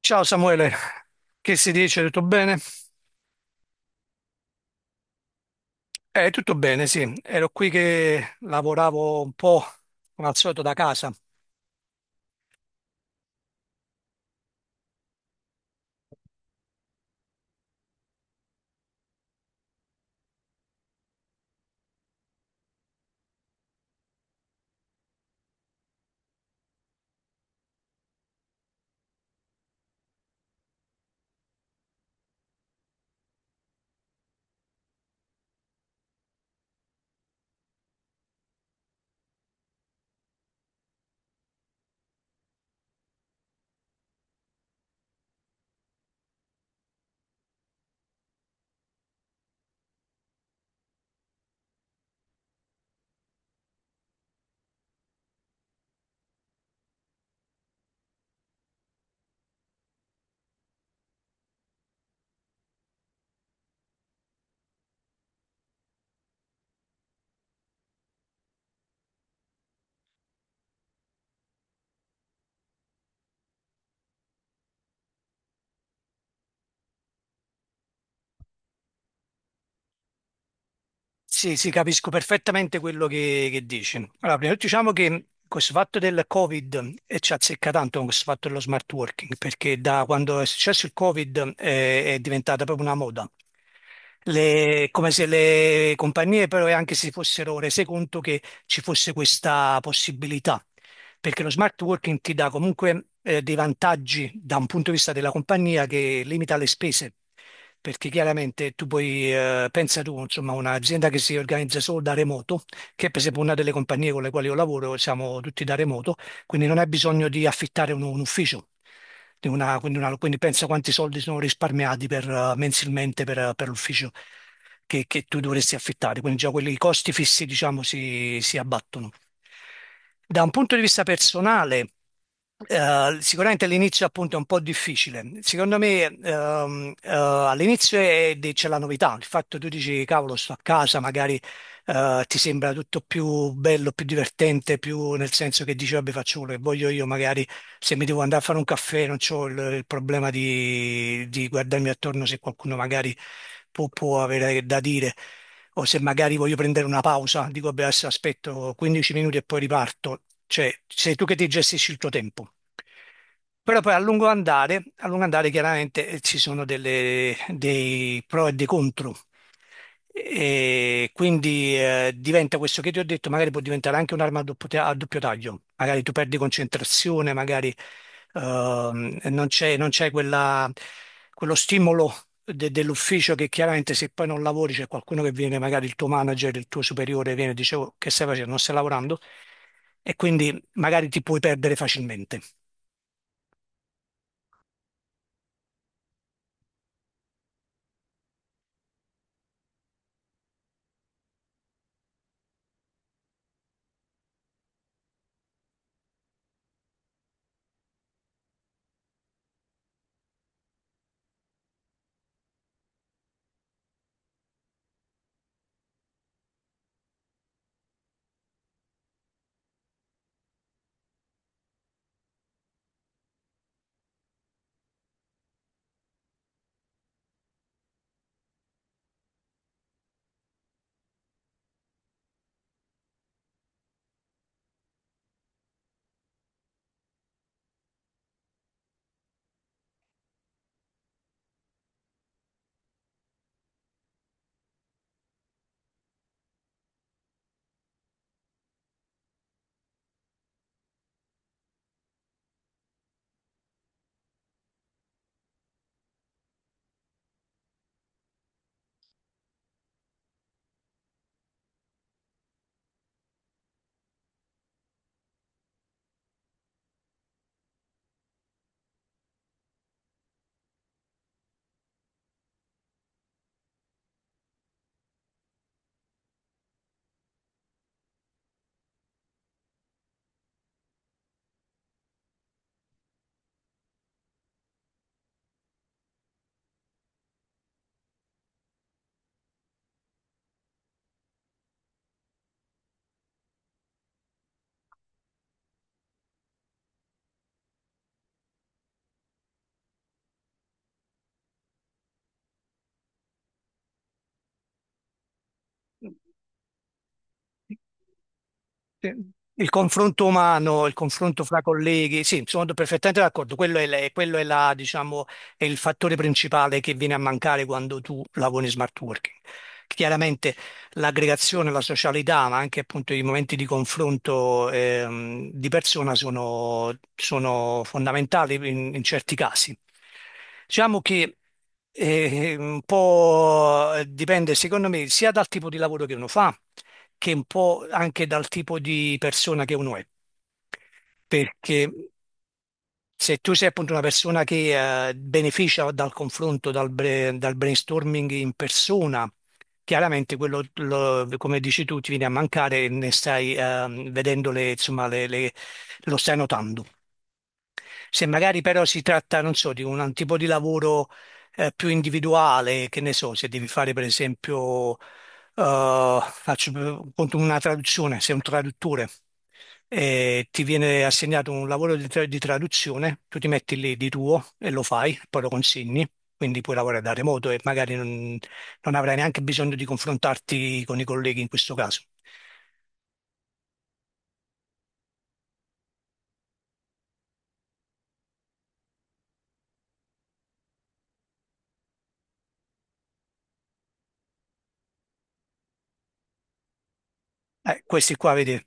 Ciao Samuele, che si dice? Tutto bene? Tutto bene, sì. Ero qui che lavoravo un po' come al solito da casa. Sì, capisco perfettamente quello che, dici. Allora, prima di tutto diciamo che questo fatto del Covid ci azzecca tanto con questo fatto dello smart working, perché da quando è successo il Covid è diventata proprio una moda. Come se le compagnie però anche si fossero rese conto che ci fosse questa possibilità. Perché lo smart working ti dà comunque dei vantaggi da un punto di vista della compagnia che limita le spese, perché chiaramente tu puoi, pensa tu, insomma, un'azienda che si organizza solo da remoto, che è per esempio una delle compagnie con le quali io lavoro, siamo tutti da remoto, quindi non hai bisogno di affittare un ufficio. Di una- quindi pensa quanti soldi sono risparmiati per, mensilmente per l'ufficio che tu dovresti affittare, quindi già quelli, i costi fissi, diciamo, si abbattono. Da un punto di vista personale, sicuramente all'inizio appunto è un po' difficile. Secondo me all'inizio c'è la novità, il fatto che tu dici cavolo sto a casa, magari ti sembra tutto più bello, più divertente, più nel senso che dici, vabbè, faccio quello che voglio io, magari se mi devo andare a fare un caffè non ho il problema di guardarmi attorno se qualcuno magari può avere da dire. O se magari voglio prendere una pausa, dico, vabbè, adesso aspetto 15 minuti e poi riparto. Cioè, sei tu che ti gestisci il tuo tempo. Però poi a lungo andare chiaramente ci sono dei pro e dei contro. E quindi diventa questo che ti ho detto, magari può diventare anche un'arma a a doppio taglio, magari tu perdi concentrazione, magari non c'è quello stimolo dell'ufficio che chiaramente se poi non lavori c'è qualcuno che viene, magari il tuo manager, il tuo superiore viene e dice "Oh, che stai facendo, non stai lavorando e quindi magari ti puoi perdere facilmente. Sì. Il confronto umano, il confronto fra colleghi, sì, sono perfettamente d'accordo. Quello è, quello è la, diciamo, è il fattore principale che viene a mancare quando tu lavori in smart working. Chiaramente l'aggregazione, la socialità, ma anche appunto i momenti di confronto di persona sono fondamentali in, in certi casi. Diciamo che un po' dipende, secondo me, sia dal tipo di lavoro che uno fa che un po' anche dal tipo di persona che uno è, perché se tu sei appunto una persona che beneficia dal confronto, dal brainstorming in persona, chiaramente quello, come dici tu, ti viene a mancare e ne stai vedendo le, insomma, lo stai notando. Se magari però si tratta, non so, di un tipo di lavoro più individuale, che ne so, se devi fare per esempio, conto una traduzione, sei un traduttore e ti viene assegnato un lavoro di, di traduzione, tu ti metti lì di tuo e lo fai, poi lo consegni, quindi puoi lavorare da remoto e magari non avrai neanche bisogno di confrontarti con i colleghi in questo caso. Questi qua, vedi,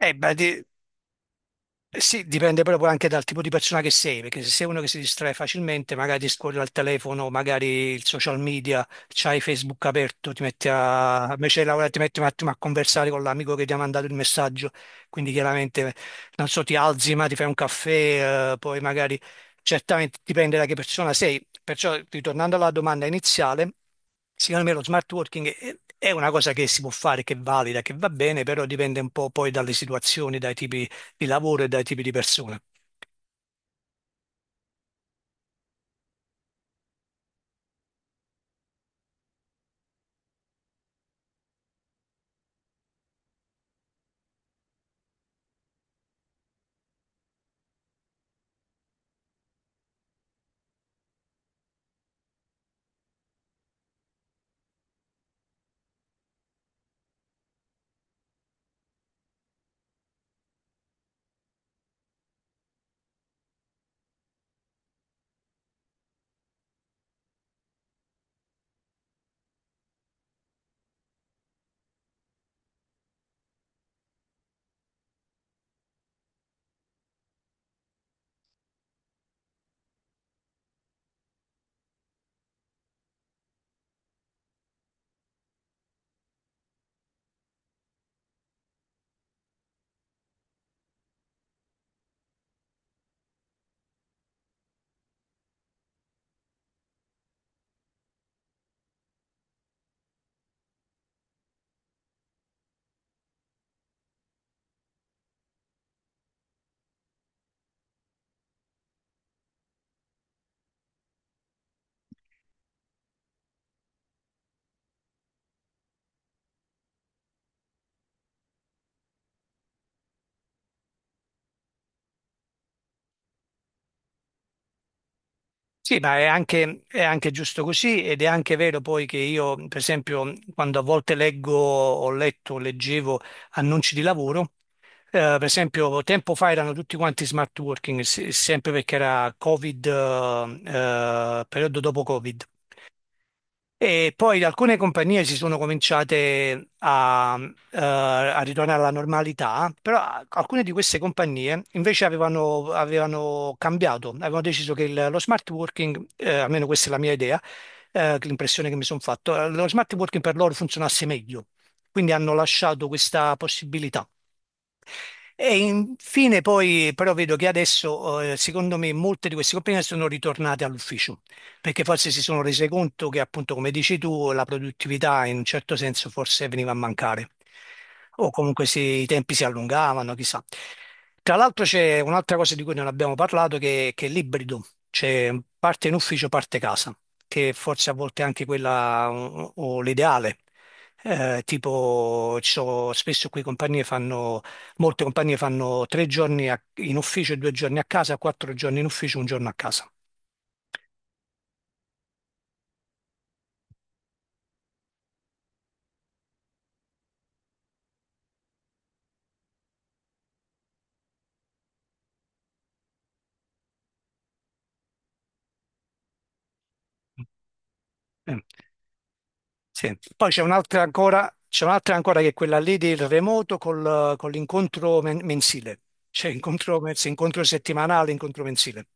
eh, beh, di- Eh sì, dipende proprio anche dal tipo di persona che sei, perché se sei uno che si distrae facilmente, magari scorri al telefono, magari il social media, c'hai Facebook aperto, ti metti a, invece di lavorare ti metti un attimo a conversare con l'amico che ti ha mandato il messaggio, quindi chiaramente, non so, ti alzi ma ti fai un caffè, poi magari, certamente dipende da che persona sei, perciò ritornando alla domanda iniziale, secondo me lo smart working è una cosa che si può fare, che è valida, che va bene, però dipende un po' poi dalle situazioni, dai tipi di lavoro e dai tipi di persone. Sì, ma è anche giusto così ed è anche vero poi che io, per esempio, quando a volte leggo, ho letto, leggevo annunci di lavoro, eh, per esempio, tempo fa erano tutti quanti smart working, sempre perché era Covid, periodo dopo Covid. E poi alcune compagnie si sono cominciate a ritornare alla normalità, però alcune di queste compagnie invece avevano cambiato, avevano deciso che lo smart working, almeno questa è la mia idea, che l'impressione che mi sono fatto, lo smart working per loro funzionasse meglio. Quindi hanno lasciato questa possibilità. E infine poi però vedo che adesso secondo me molte di queste compagnie sono ritornate all'ufficio perché forse si sono rese conto che appunto come dici tu la produttività in un certo senso forse veniva a mancare o comunque se i tempi si allungavano chissà. Tra l'altro c'è un'altra cosa di cui non abbiamo parlato che è l'ibrido, cioè parte in ufficio parte casa che forse a volte è anche quella o l'ideale. Tipo, ci sono- spesso qui compagnie fanno molte compagnie fanno tre giorni in ufficio, due giorni a casa, quattro giorni in ufficio, un giorno a casa. Eh, sì. Poi c'è un'altra ancora che è quella lì del remoto con l'incontro mensile. C'è incontro, incontro settimanale, incontro mensile.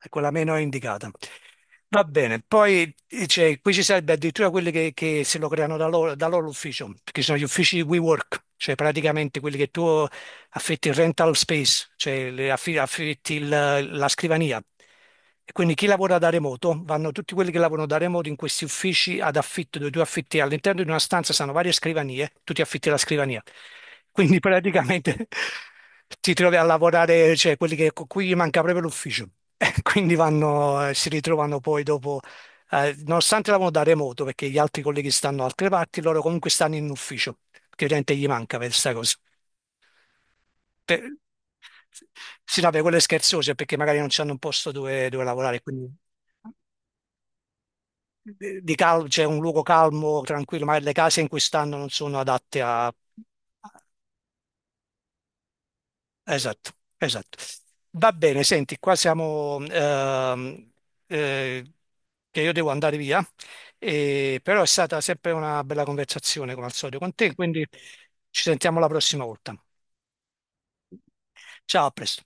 È quella meno indicata. Va bene, poi cioè, qui ci sarebbe addirittura quelli che se lo creano da loro l'ufficio, perché ci sono gli uffici di WeWork, cioè praticamente quelli che tu affitti il rental space, cioè le affitti la scrivania. E quindi chi lavora da remoto, vanno tutti quelli che lavorano da remoto in questi uffici ad affitto, dove tu affitti all'interno di una stanza, sono varie scrivanie, tu ti affitti la scrivania. Quindi praticamente ti trovi a lavorare, cioè quelli che, con cui gli manca proprio l'ufficio. Quindi vanno, si ritrovano poi dopo, nonostante lavorano da remoto, perché gli altri colleghi stanno da altre parti, loro comunque stanno in ufficio, che ovviamente gli manca per questa cosa per- Sì, no, per quelle scherzose, perché magari non c'hanno un posto dove lavorare, quindi c'è un luogo calmo, tranquillo, magari le case in cui stanno non sono adatte a... Esatto, esatto. Va bene, senti, qua siamo... eh, che io devo andare via, però è stata sempre una bella conversazione come al solito con te, quindi ci sentiamo la prossima volta. Ciao, a presto.